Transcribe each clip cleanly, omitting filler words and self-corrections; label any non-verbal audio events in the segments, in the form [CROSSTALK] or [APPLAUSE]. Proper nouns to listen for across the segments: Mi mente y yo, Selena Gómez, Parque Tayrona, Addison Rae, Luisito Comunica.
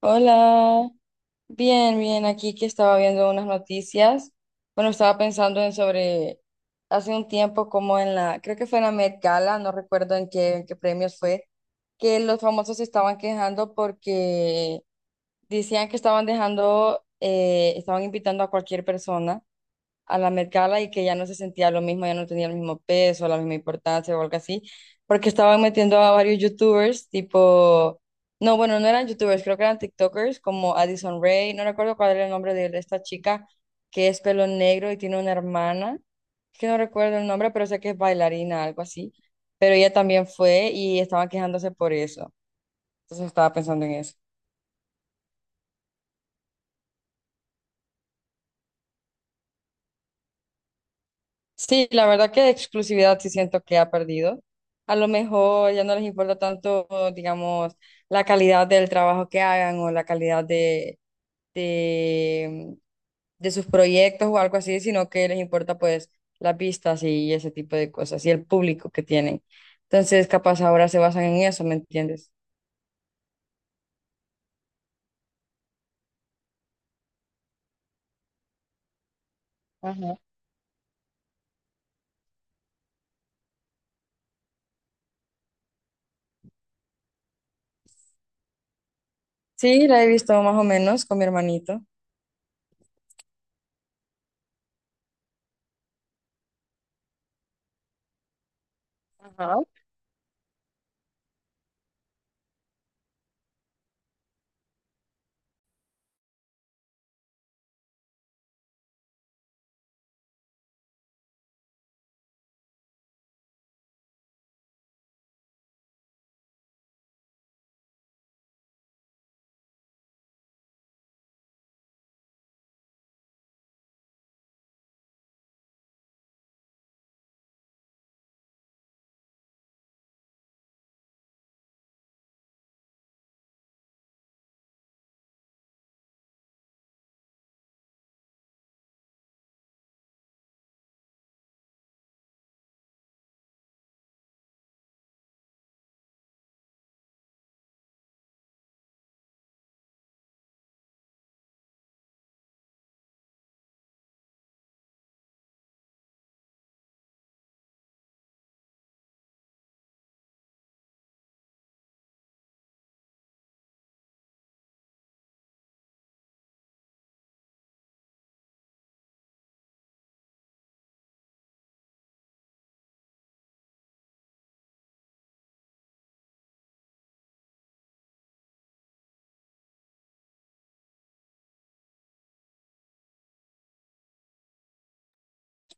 Hola, bien, bien, aquí que estaba viendo unas noticias. Bueno, estaba pensando en sobre hace un tiempo como en la, creo que fue en la Met Gala, no recuerdo en qué premios fue, que los famosos se estaban quejando porque decían que estaban dejando, estaban invitando a cualquier persona a la Met Gala y que ya no se sentía lo mismo, ya no tenía el mismo peso, la misma importancia o algo así, porque estaban metiendo a varios youtubers, tipo, no, bueno, no eran youtubers, creo que eran TikTokers, como Addison Rae, no recuerdo cuál era el nombre de esta chica que es pelo negro y tiene una hermana, es que no recuerdo el nombre, pero sé que es bailarina, algo así, pero ella también fue y estaban quejándose por eso, entonces estaba pensando en eso. Sí, la verdad que de exclusividad sí siento que ha perdido. A lo mejor ya no les importa tanto, digamos, la calidad del trabajo que hagan o la calidad de, de sus proyectos o algo así, sino que les importa pues las vistas y ese tipo de cosas y el público que tienen. Entonces, capaz ahora se basan en eso, ¿me entiendes? Ajá. Sí, la he visto más o menos con mi hermanito.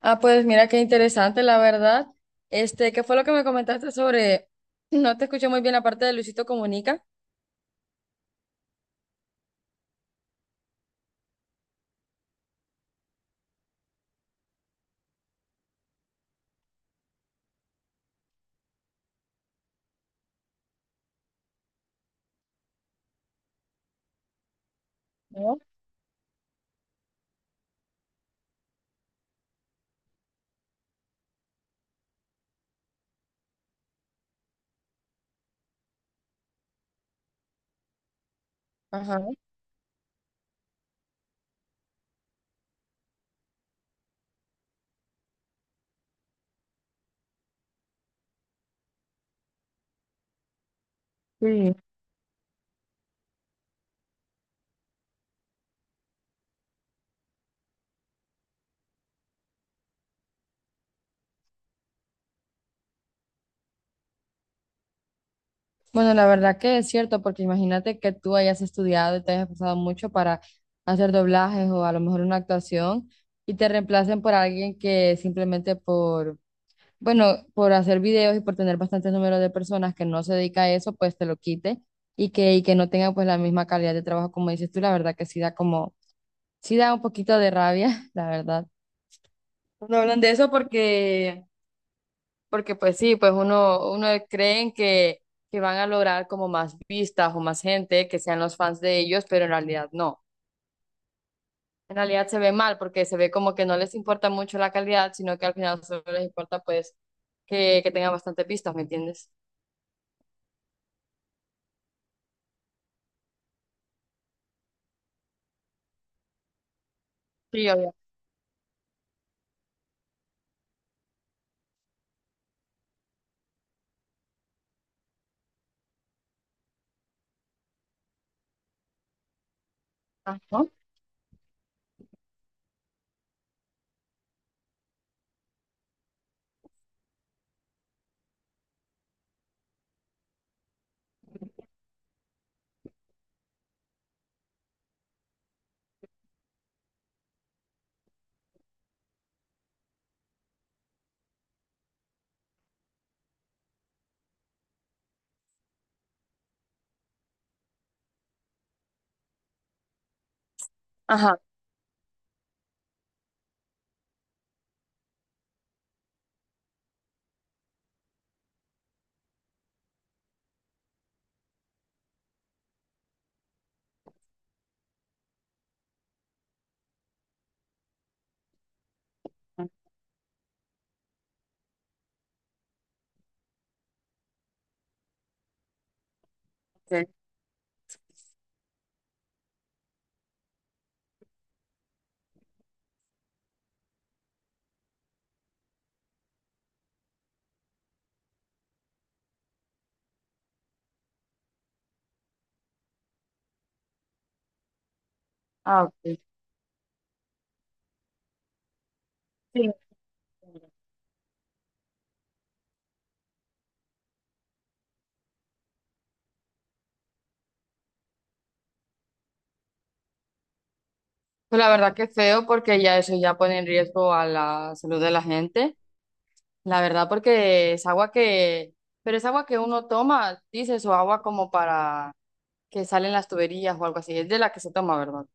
Ah, pues mira qué interesante, la verdad. Este, ¿qué fue lo que me comentaste sobre? No te escuché muy bien la parte de Luisito Comunica. ¿No? Ajá. Sí. Bueno, la verdad que es cierto, porque imagínate que tú hayas estudiado y te hayas esforzado mucho para hacer doblajes o a lo mejor una actuación y te reemplacen por alguien que simplemente por, bueno, por hacer videos y por tener bastantes números de personas que no se dedica a eso, pues te lo quite y que no tenga pues la misma calidad de trabajo como dices tú, la verdad que sí da como sí da un poquito de rabia, [LAUGHS] la verdad. No hablan de eso porque pues sí, pues uno creen que van a lograr como más vistas o más gente, que sean los fans de ellos, pero en realidad no. En realidad se ve mal porque se ve como que no les importa mucho la calidad, sino que al final solo les importa pues que tengan bastantes vistas, ¿me entiendes? Sí, obvio. Ajá. Ajá. Okay. Ah, okay. Sí. Pues la verdad que es feo porque ya eso ya pone en riesgo a la salud de la gente. La verdad, porque es agua pero es agua que uno toma, dices, o agua como para que salen las tuberías o algo así, es de la que se toma, ¿verdad?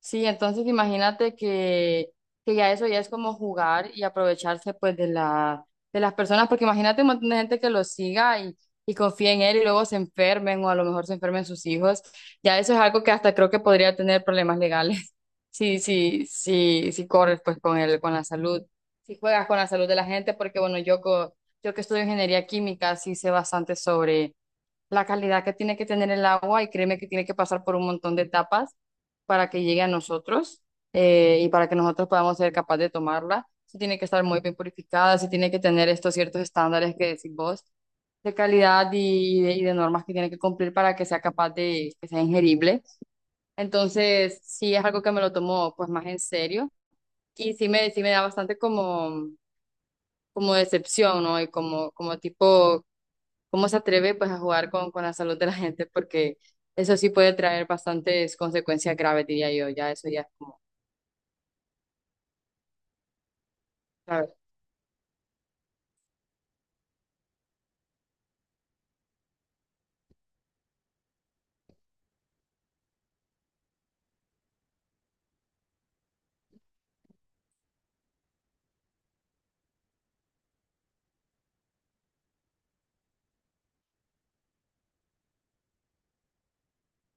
Sí, entonces imagínate que ya eso ya es como jugar y aprovecharse pues de la, de las personas, porque imagínate un montón de gente que lo siga y confíe en él y luego se enfermen o a lo mejor se enfermen sus hijos, ya eso es algo que hasta creo que podría tener problemas legales. Sí, sí, sí, sí corres pues con el, con la salud, si juegas con la salud de la gente, porque bueno, yo, yo que estudio ingeniería química, sí sé bastante sobre la calidad que tiene que tener el agua y créeme que tiene que pasar por un montón de etapas para que llegue a nosotros y para que nosotros podamos ser capaces de tomarla. Sí tiene que estar muy bien purificada, sí tiene que tener estos ciertos estándares que decís vos de calidad y de normas que tiene que cumplir para que sea capaz de, que sea ingerible. Entonces, sí es algo que me lo tomó pues más en serio y sí me da bastante como, como decepción, ¿no? Y como, como tipo, cómo se atreve pues a jugar con la salud de la gente porque eso sí puede traer bastantes consecuencias graves, diría yo, ya eso ya es como, ¿sabes?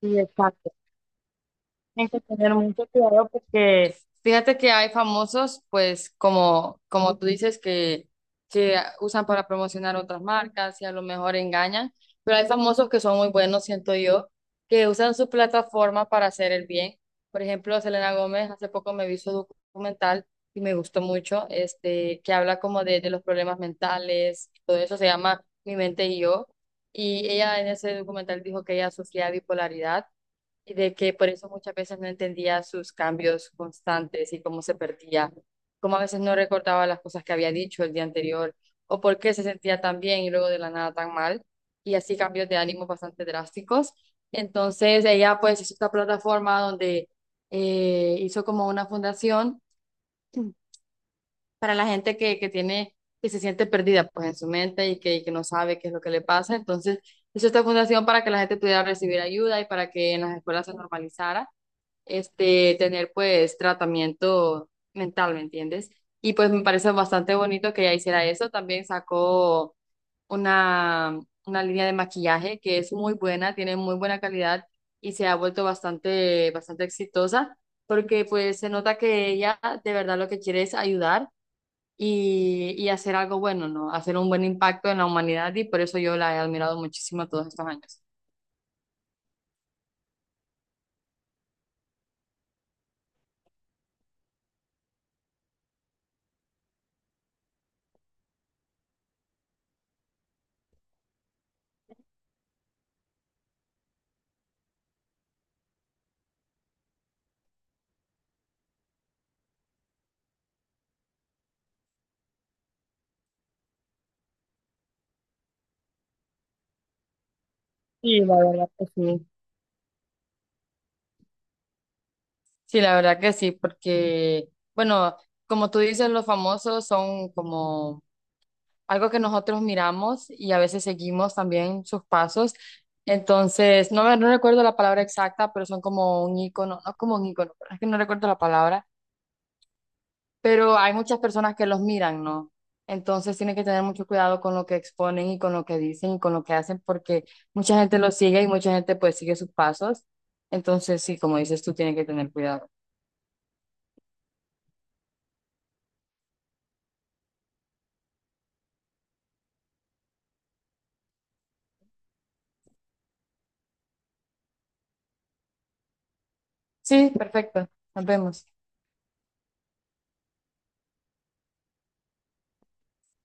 Sí, exacto. Hay que tener mucho cuidado porque fíjate que hay famosos, pues como, como tú dices, que usan para promocionar otras marcas y a lo mejor engañan, pero hay famosos que son muy buenos, siento yo, que usan su plataforma para hacer el bien. Por ejemplo, Selena Gómez, hace poco me vi su documental y me gustó mucho, este, que habla como de los problemas mentales, todo eso se llama Mi mente y yo, y ella en ese documental dijo que ella sufría bipolaridad y de que por eso muchas veces no entendía sus cambios constantes y cómo se perdía, cómo a veces no recordaba las cosas que había dicho el día anterior o por qué se sentía tan bien y luego de la nada tan mal y así cambios de ánimo bastante drásticos. Entonces ella pues hizo esta plataforma donde hizo como una fundación para la gente que tiene, que se siente perdida pues en su mente y que no sabe qué es lo que le pasa. Entonces hizo esta fundación para que la gente pudiera recibir ayuda y para que en las escuelas se normalizara este, tener pues tratamiento mental, ¿me entiendes? Y pues me parece bastante bonito que ella hiciera eso. También sacó una, una línea de maquillaje que es muy buena, tiene muy buena calidad y se ha vuelto bastante, bastante exitosa porque pues se nota que ella de verdad lo que quiere es ayudar y hacer algo bueno, ¿no? Hacer un buen impacto en la humanidad y por eso yo la he admirado muchísimo todos estos años. Sí, la verdad que sí. Sí, la verdad que sí, porque, bueno, como tú dices, los famosos son como algo que nosotros miramos y a veces seguimos también sus pasos. Entonces, no recuerdo la palabra exacta, pero son como un ícono, no como un ícono, pero es que no recuerdo la palabra, pero hay muchas personas que los miran, ¿no? Entonces, tienen que tener mucho cuidado con lo que exponen y con lo que dicen y con lo que hacen, porque mucha gente los sigue y mucha gente pues sigue sus pasos. Entonces, sí, como dices, tú tienes que tener cuidado. Sí, perfecto. Nos vemos.